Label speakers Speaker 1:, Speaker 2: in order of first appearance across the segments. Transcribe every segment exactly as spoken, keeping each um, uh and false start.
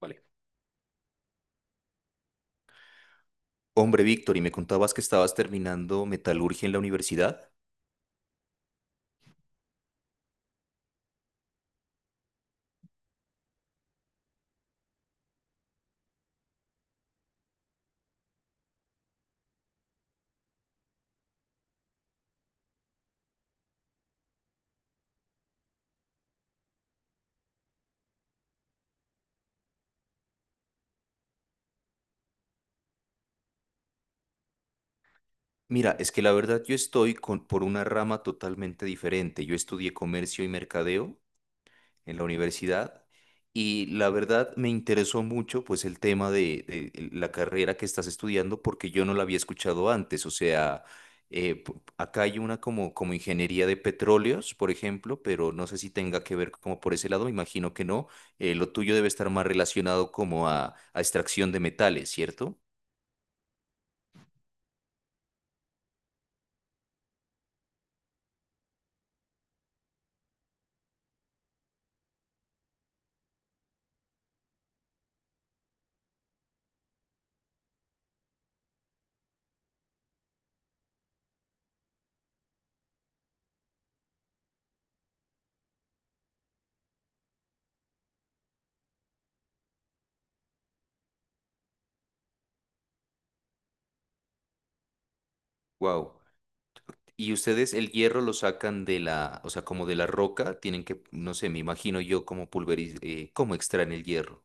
Speaker 1: Vale. Hombre, Víctor, y me contabas que estabas terminando metalurgia en la universidad. Mira, es que la verdad yo estoy con, por una rama totalmente diferente. Yo estudié comercio y mercadeo en la universidad y la verdad me interesó mucho pues el tema de, de la carrera que estás estudiando porque yo no la había escuchado antes, o sea, eh, p- acá hay una como, como ingeniería de petróleos, por ejemplo, pero no sé si tenga que ver como por ese lado, me imagino que no, eh, lo tuyo debe estar más relacionado como a, a extracción de metales, ¿cierto? Wow. Y ustedes el hierro lo sacan de la, o sea, como de la roca, tienen que, no sé, me imagino yo como pulverizar, ¿cómo extraen el hierro?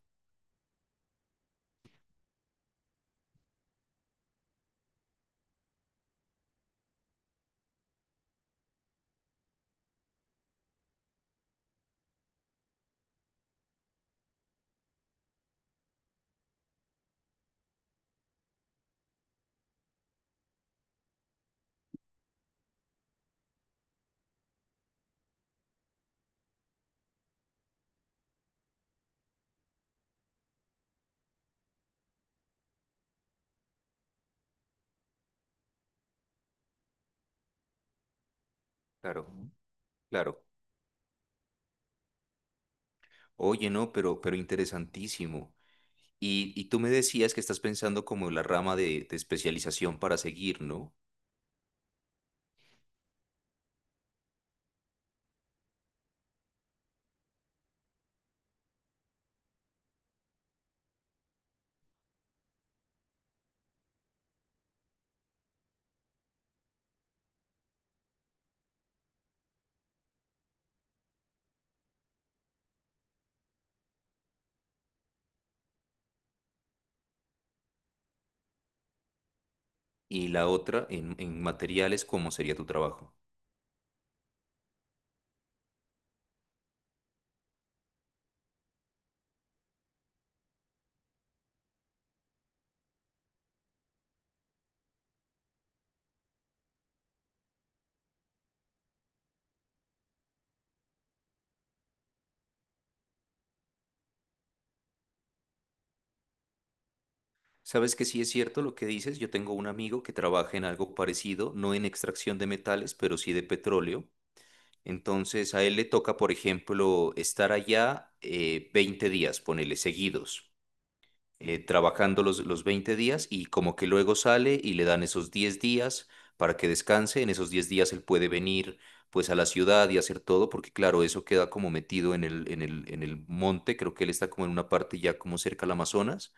Speaker 1: Claro. Claro. Oye, no, pero, pero interesantísimo. Y, y tú me decías que estás pensando como en la rama de, de especialización para seguir, ¿no? Y la otra en, en materiales, ¿cómo sería tu trabajo? Sabes que sí es cierto lo que dices. Yo tengo un amigo que trabaja en algo parecido, no en extracción de metales, pero sí de petróleo. Entonces a él le toca, por ejemplo, estar allá eh, veinte días, ponele, seguidos. eh, trabajando los, los veinte días y como que luego sale y le dan esos diez días para que descanse. En esos diez días él puede venir pues a la ciudad y hacer todo, porque claro, eso queda como metido en el, en el, en el monte. Creo que él está como en una parte ya como cerca al Amazonas.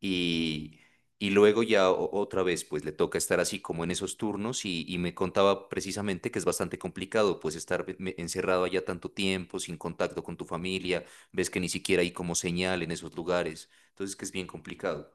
Speaker 1: Y, y luego ya o- otra vez, pues le toca estar así como en esos turnos y, y me contaba precisamente que es bastante complicado, pues estar ve- me- encerrado allá tanto tiempo, sin contacto con tu familia, ves que ni siquiera hay como señal en esos lugares, entonces que es bien complicado.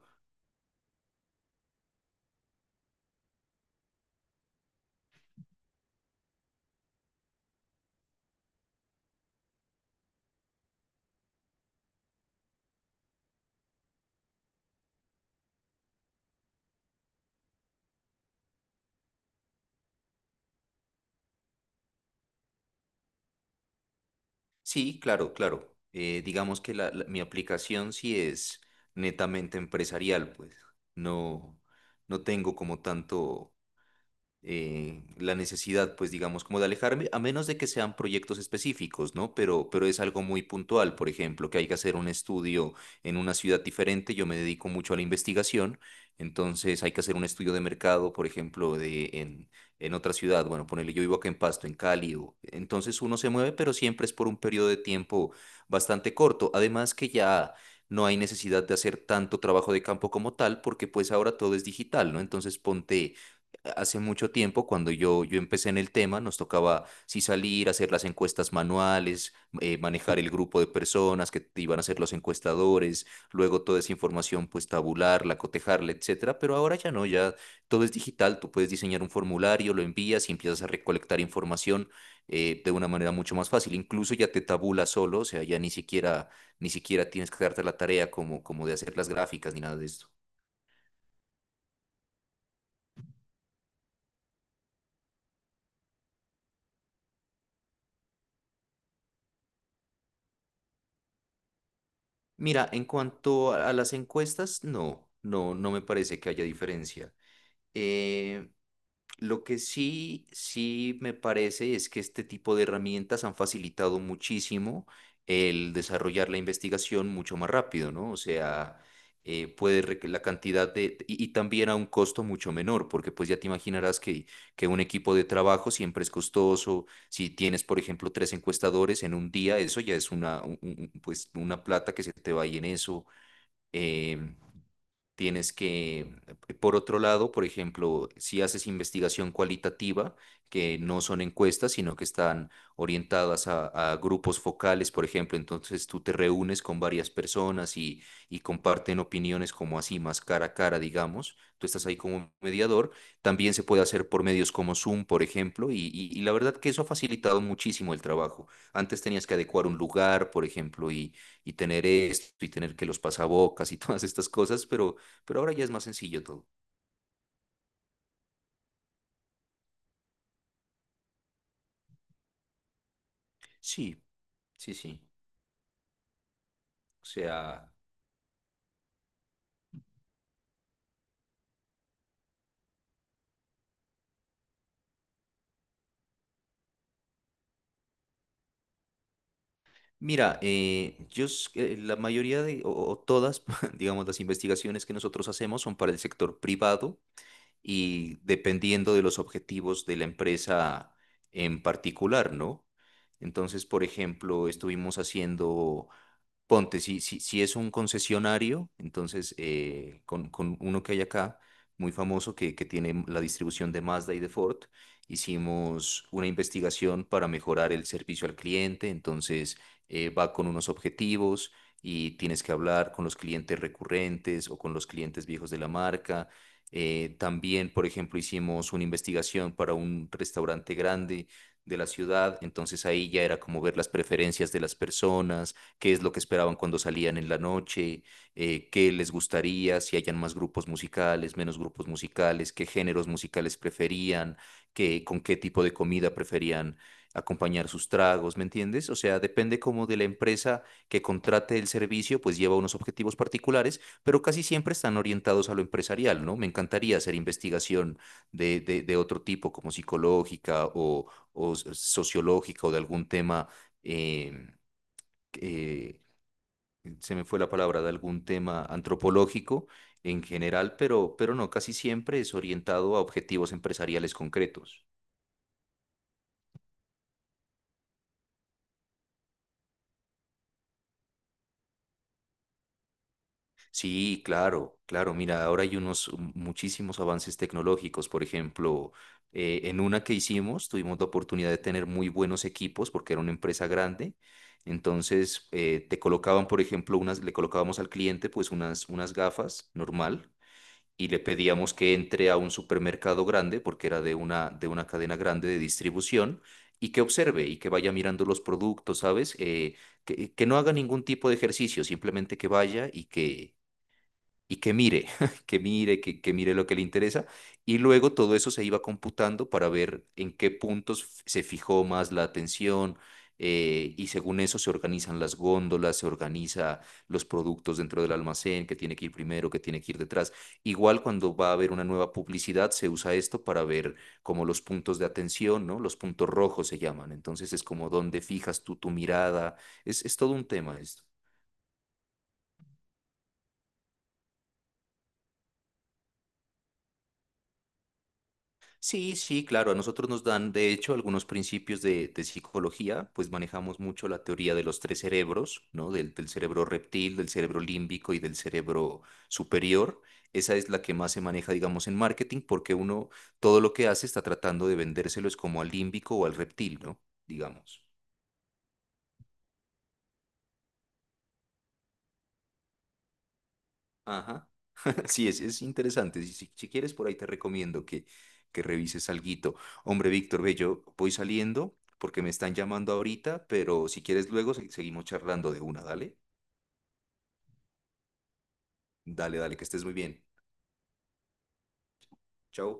Speaker 1: Sí, claro, claro. eh, digamos que la- la- mi aplicación sí es netamente empresarial, pues no, no tengo como tanto eh, la necesidad, pues digamos, como de alejarme, a menos de que sean proyectos específicos, ¿no? Pero, pero es algo muy puntual, por ejemplo, que hay que hacer un estudio en una ciudad diferente. Yo me dedico mucho a la investigación, entonces hay que hacer un estudio de mercado, por ejemplo, de, en, en otra ciudad, bueno, ponele, yo vivo acá en Pasto, en Cali, o- entonces uno se mueve, pero siempre es por un periodo de tiempo bastante corto, además que ya... No hay necesidad de hacer tanto trabajo de campo como tal, porque pues ahora todo es digital, ¿no? Entonces ponte, hace mucho tiempo, cuando yo, yo empecé en el tema, nos tocaba sí salir, hacer las encuestas manuales, eh, manejar el grupo de personas que te iban a ser los encuestadores. Luego toda esa información pues tabularla, cotejarla, etcétera, pero ahora ya no, ya todo es digital. Tú puedes diseñar un formulario, lo envías y empiezas a recolectar información eh, de una manera mucho más fácil. Incluso ya te tabula solo, o sea, ya ni siquiera, ni siquiera tienes que darte la tarea como, como de hacer las gráficas ni nada de esto. Mira, en cuanto a a las encuestas, no, no, no me parece que haya diferencia. Eh, lo que sí, sí me parece es que este tipo de herramientas han facilitado muchísimo el desarrollar la investigación mucho más rápido, ¿no? O sea, eh, puede rec- la cantidad de, y, y también a un costo mucho menor, porque pues ya te imaginarás que, que, un equipo de trabajo siempre es costoso. Si tienes, por ejemplo, tres encuestadores en un día, eso ya es una, un- un- pues, una plata que se te va ahí en eso. em, Tienes que, eh, por otro lado, por ejemplo, si haces investigación cualitativa, que no son encuestas, sino que están orientadas a, a grupos focales, por ejemplo. Entonces tú te reúnes con varias personas y, y comparten opiniones como así, más cara a cara, digamos. Tú estás ahí como mediador, también se puede hacer por medios como Zoom, por ejemplo, y, y y la verdad que eso ha facilitado muchísimo el trabajo. Antes tenías que adecuar un lugar, por ejemplo, y, y tener esto, y tener que los pasabocas y todas estas cosas, pero... Pero ahora ya es más sencillo todo. Sí, sí, sí. O sea, mira, eh, yo, s- eh, la mayoría de, o, o todas, digamos, las investigaciones que nosotros hacemos son para el sector privado y dependiendo de los objetivos de la empresa en particular, ¿no? Entonces, por ejemplo, estuvimos haciendo. Ponte, si, si, si es un concesionario, entonces eh, con, con, uno que hay acá, muy famoso, que, que tiene la distribución de Mazda y de Ford, hicimos una investigación para mejorar el servicio al cliente. Entonces eh, va con unos objetivos y tienes que hablar con los clientes recurrentes o con los clientes viejos de la marca. Eh, también, por ejemplo, hicimos una investigación para un restaurante grande de la ciudad. Entonces ahí ya era como ver las preferencias de las personas, qué es lo que esperaban cuando salían en la noche, eh, qué les gustaría, si hayan más grupos musicales, menos grupos musicales, qué géneros musicales preferían, qué, con qué tipo de comida preferían acompañar sus tragos, ¿me entiendes? O sea, depende como de la empresa que contrate el servicio, pues lleva unos objetivos particulares, pero casi siempre están orientados a lo empresarial, ¿no? Me encantaría hacer investigación de, de, de otro tipo, como psicológica o, o sociológica o de algún tema. eh, eh, se me fue la palabra, de algún tema antropológico en general, pero, pero, no, casi siempre es orientado a objetivos empresariales concretos. Sí, claro, claro. Mira, ahora hay unos mm, muchísimos avances tecnológicos. Por ejemplo, eh, en una que hicimos, tuvimos la oportunidad de tener muy buenos equipos porque era una empresa grande. Entonces, eh, te colocaban, por ejemplo, unas, le colocábamos al cliente pues unas, unas, gafas normal y le pedíamos que entre a un supermercado grande, porque era de una, de una cadena grande de distribución, y que observe y que vaya mirando los productos, ¿sabes? Eh, que, que no haga ningún tipo de ejercicio, simplemente que vaya y que, y que mire, que mire, que, que mire lo que le interesa. Y luego todo eso se iba computando para ver en qué puntos f- se fijó más la atención. eh, y según eso se organizan las góndolas, se organiza los productos dentro del almacén, que tiene que ir primero, que tiene que ir detrás. Igual cuando va a haber una nueva publicidad, se usa esto para ver como los puntos de atención, ¿no? Los puntos rojos se llaman. Entonces es como donde fijas tú tu mirada. Es, es todo un tema esto. Sí, sí, claro, a nosotros nos dan, de hecho, algunos principios de, de psicología. Pues manejamos mucho la teoría de los tres cerebros, ¿no? Del, del cerebro reptil, del cerebro límbico y del cerebro superior. Esa es la que más se maneja, digamos, en marketing, porque uno todo lo que hace está tratando de vendérselo es como al límbico o al reptil, ¿no? Digamos. Ajá. Sí, es, es interesante. Si, si, si quieres, por ahí te recomiendo que, que, revises alguito. Hombre, Víctor, ve, yo voy saliendo porque me están llamando ahorita, pero si quieres luego se- seguimos charlando de una, dale. Dale, dale, que estés muy bien. Chao.